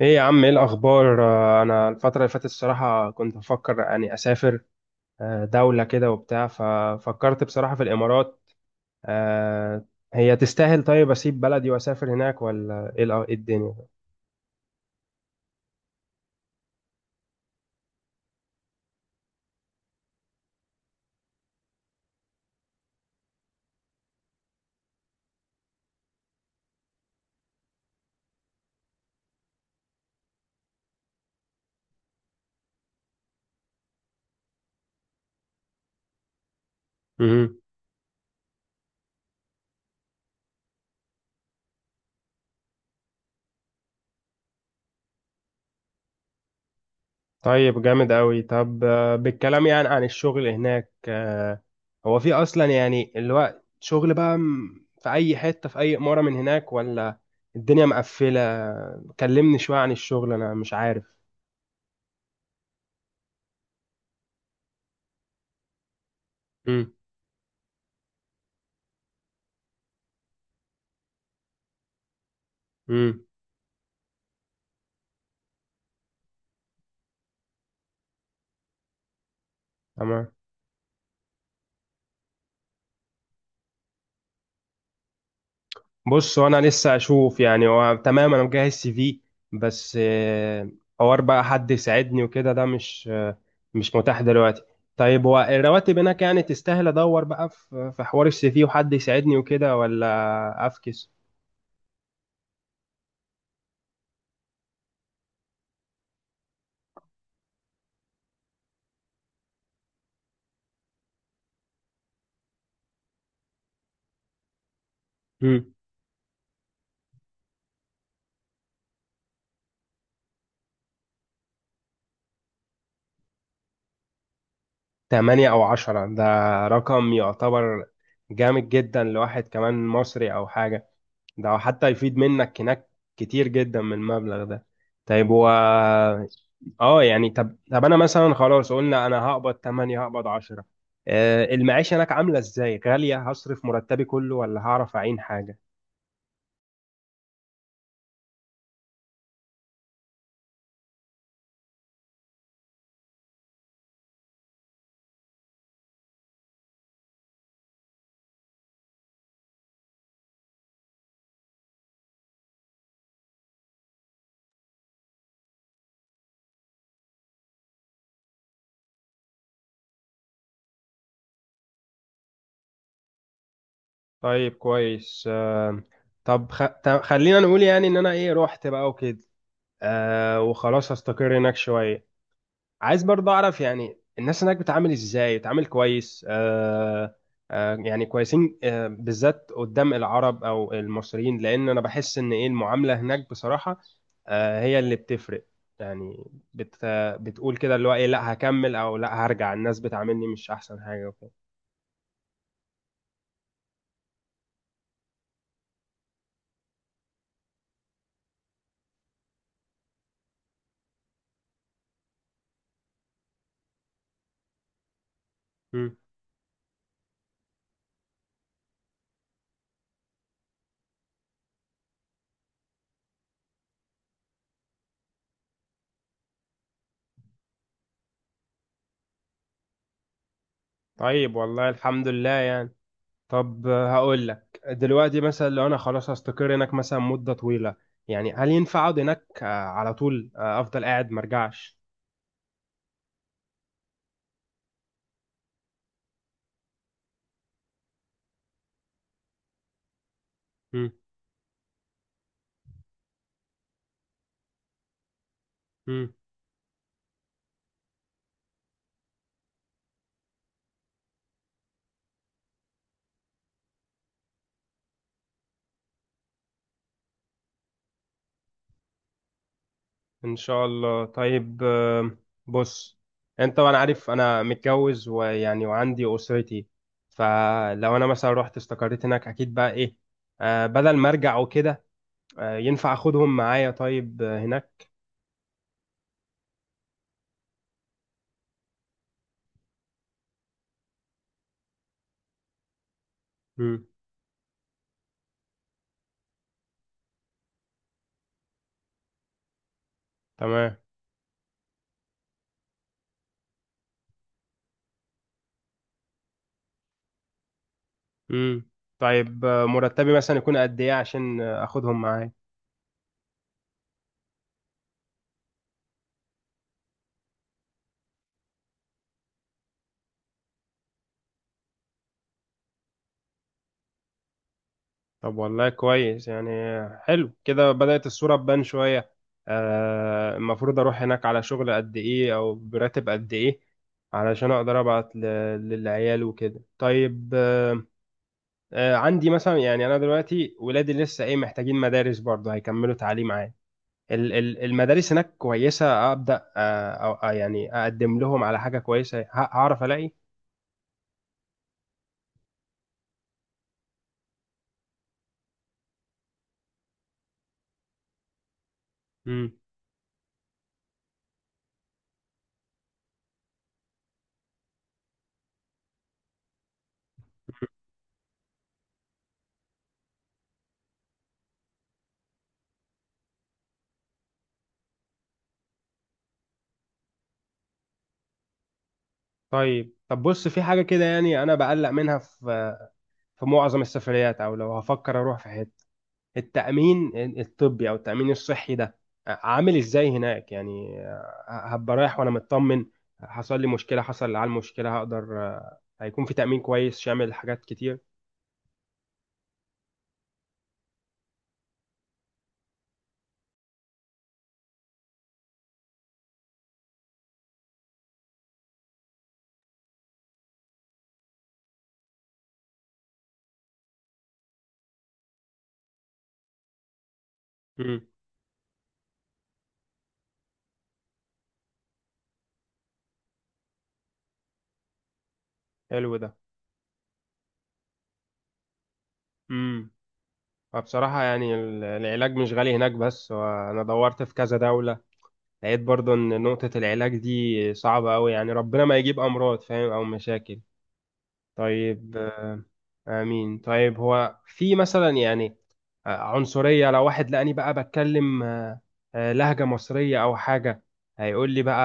ايه يا عم، ايه الاخبار؟ انا الفتره اللي فاتت الصراحه كنت بفكر يعني اسافر. دوله كده وبتاع، ففكرت بصراحه في الامارات. آه، هي تستاهل؟ طيب اسيب بلدي واسافر هناك، ولا ايه إيه الدنيا؟ مهم. طيب جامد قوي. طب بالكلام يعني عن الشغل هناك، هو في اصلا يعني الوقت شغل بقى في اي حته في اي اماره من هناك، ولا الدنيا مقفله؟ كلمني شويه عن الشغل، انا مش عارف. مم. مم. تمام. بص، وانا لسه اشوف يعني. هو تمام انا مجهز سي في، بس حوار بقى حد يساعدني وكده ده مش مش متاح دلوقتي. طيب هو الرواتب هناك يعني تستاهل ادور بقى في حوار السي في وحد يساعدني وكده، ولا افكس؟ مم. 8 او 10، ده رقم يعتبر جامد جدا لواحد كمان مصري او حاجة. ده حتى يفيد منك هناك كتير جدا من المبلغ ده. طيب و اه يعني، طب انا مثلا خلاص، قلنا انا هقبض 8 هقبض 10، آه، المعيشة هناك عاملة ازاي؟ غالية؟ هصرف مرتبي كله ولا هعرف اعين حاجة؟ طيب، كويس. طب طب خلينا نقول يعني ان انا ايه، رحت بقى وكده، وخلاص هستقر هناك شوية. عايز برضه اعرف يعني الناس هناك بتعامل ازاي، بتعامل كويس؟ يعني كويسين؟ بالذات قدام العرب او المصريين، لان انا بحس ان ايه المعاملة هناك بصراحة هي اللي بتفرق يعني. بت بتقول كده اللي هو ايه، لا هكمل او لا هرجع، الناس بتعاملني مش احسن حاجة وكده. مم. طيب، والله الحمد لله يعني. طب هقول لك دلوقتي مثلا، لو انا خلاص هستقر هناك مثلا مدة طويلة، يعني هل ينفع اقعد هناك على طول، افضل قاعد مرجعش؟ مم. مم. ان شاء الله. طيب بص انت، وانا عارف انا متجوز ويعني وعندي اسرتي، فلو انا مثلا رحت استقريت هناك اكيد بقى ايه، بدل ما ارجع وكده، ينفع اخدهم معايا طيب هناك؟ مم. تمام. مم. طيب مرتبي مثلا يكون قد ايه عشان اخدهم معايا؟ طب والله كويس يعني. حلو كده، بدأت الصورة تبان شوية. المفروض أروح هناك على شغل قد إيه أو براتب قد إيه علشان أقدر أبعت للعيال وكده؟ طيب عندي مثلا يعني، أنا دلوقتي ولادي لسه إيه، محتاجين مدارس برضه هيكملوا تعليم عام. المدارس هناك كويسة؟ أبدأ أو يعني أقدم لهم على حاجة كويسة، هعرف ألاقي؟ مم. طيب، طب بص، في حاجة كده يعني أنا بقلق منها في في معظم السفريات، او لو هفكر اروح في حته: التامين الطبي او التامين الصحي ده، عامل ازاي هناك يعني؟ هبقى رايح وانا مطمن، حصل لي على المشكله هقدر؟ هيكون في تامين كويس شامل حاجات كتير؟ امم. حلو ده. امم. فبصراحة يعني العلاج مش غالي هناك بس، وأنا دورت في كذا دولة لقيت برضو إن نقطة العلاج دي صعبة أوي يعني، ربنا ما يجيب أمراض فاهم أو مشاكل. طيب آمين. طيب هو في مثلا يعني، عنصرية لو واحد لقاني بقى بتكلم لهجة مصرية أو حاجة، هيقول لي بقى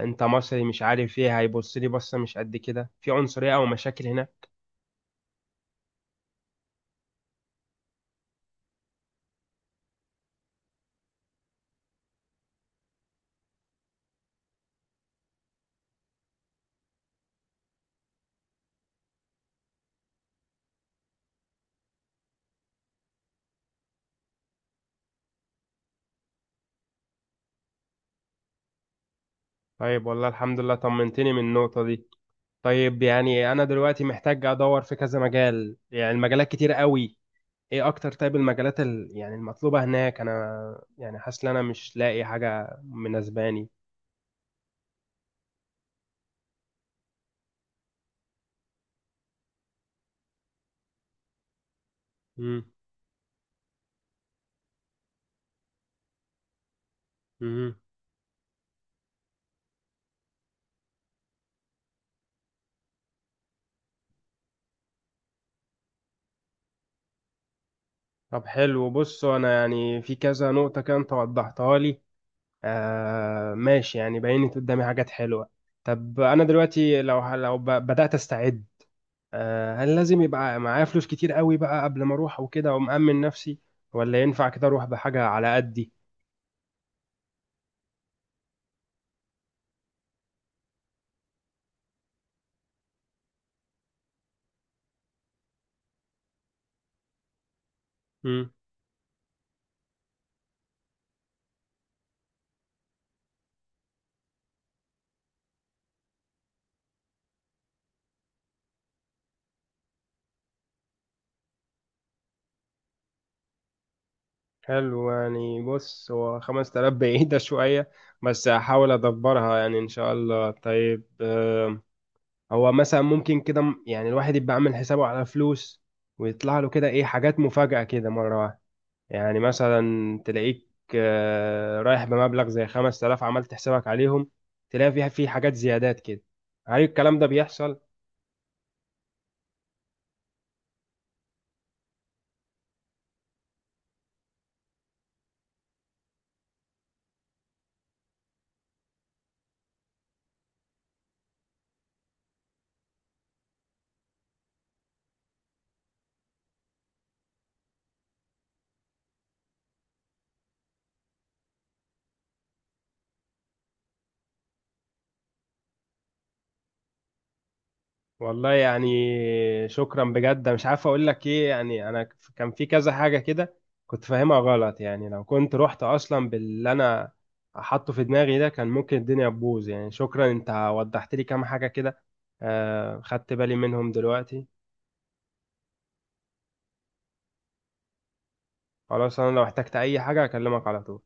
أنت مصري مش عارف إيه، هيبص لي بصة؟ مش قد كده في عنصرية أو مشاكل هنا؟ طيب، والله الحمد لله، طمنتني من النقطة دي. طيب يعني، أنا دلوقتي محتاج أدور في كذا مجال، يعني المجالات كتير قوي، إيه أكتر؟ طيب المجالات يعني المطلوبة هناك، أنا يعني حاسس إن أنا مش لاقي حاجة مناسباني. مم. مهم. طب حلو، بص، انا يعني في كذا نقطة كده انت وضحتها لي، آه ماشي، يعني بينت قدامي حاجات حلوة. طب انا دلوقتي لو بدأت استعد، آه، هل لازم يبقى معايا فلوس كتير قوي بقى قبل ما اروح وكده ومأمن نفسي، ولا ينفع كده اروح بحاجة على قدي؟ مم. حلو يعني. بص، هو 5000 بعيدة شوية، بس هحاول ادبرها يعني ان شاء الله. طيب هو مثلا ممكن كده يعني الواحد يبقى عامل حسابه على فلوس، ويطلع له كده ايه حاجات مفاجأة كده مرة واحدة؟ يعني مثلا تلاقيك رايح بمبلغ زي 5000، عملت حسابك عليهم، تلاقي فيها في حاجات زيادات كده، هل الكلام ده بيحصل؟ والله يعني، شكرا بجد، مش عارف اقول لك ايه يعني. انا كان في كذا حاجه كده كنت فاهمها غلط، يعني لو كنت رحت اصلا باللي انا حاطه في دماغي ده كان ممكن الدنيا تبوظ يعني. شكرا، انت وضحت لي كام حاجه كده خدت بالي منهم دلوقتي. خلاص، انا لو احتجت اي حاجه اكلمك على طول.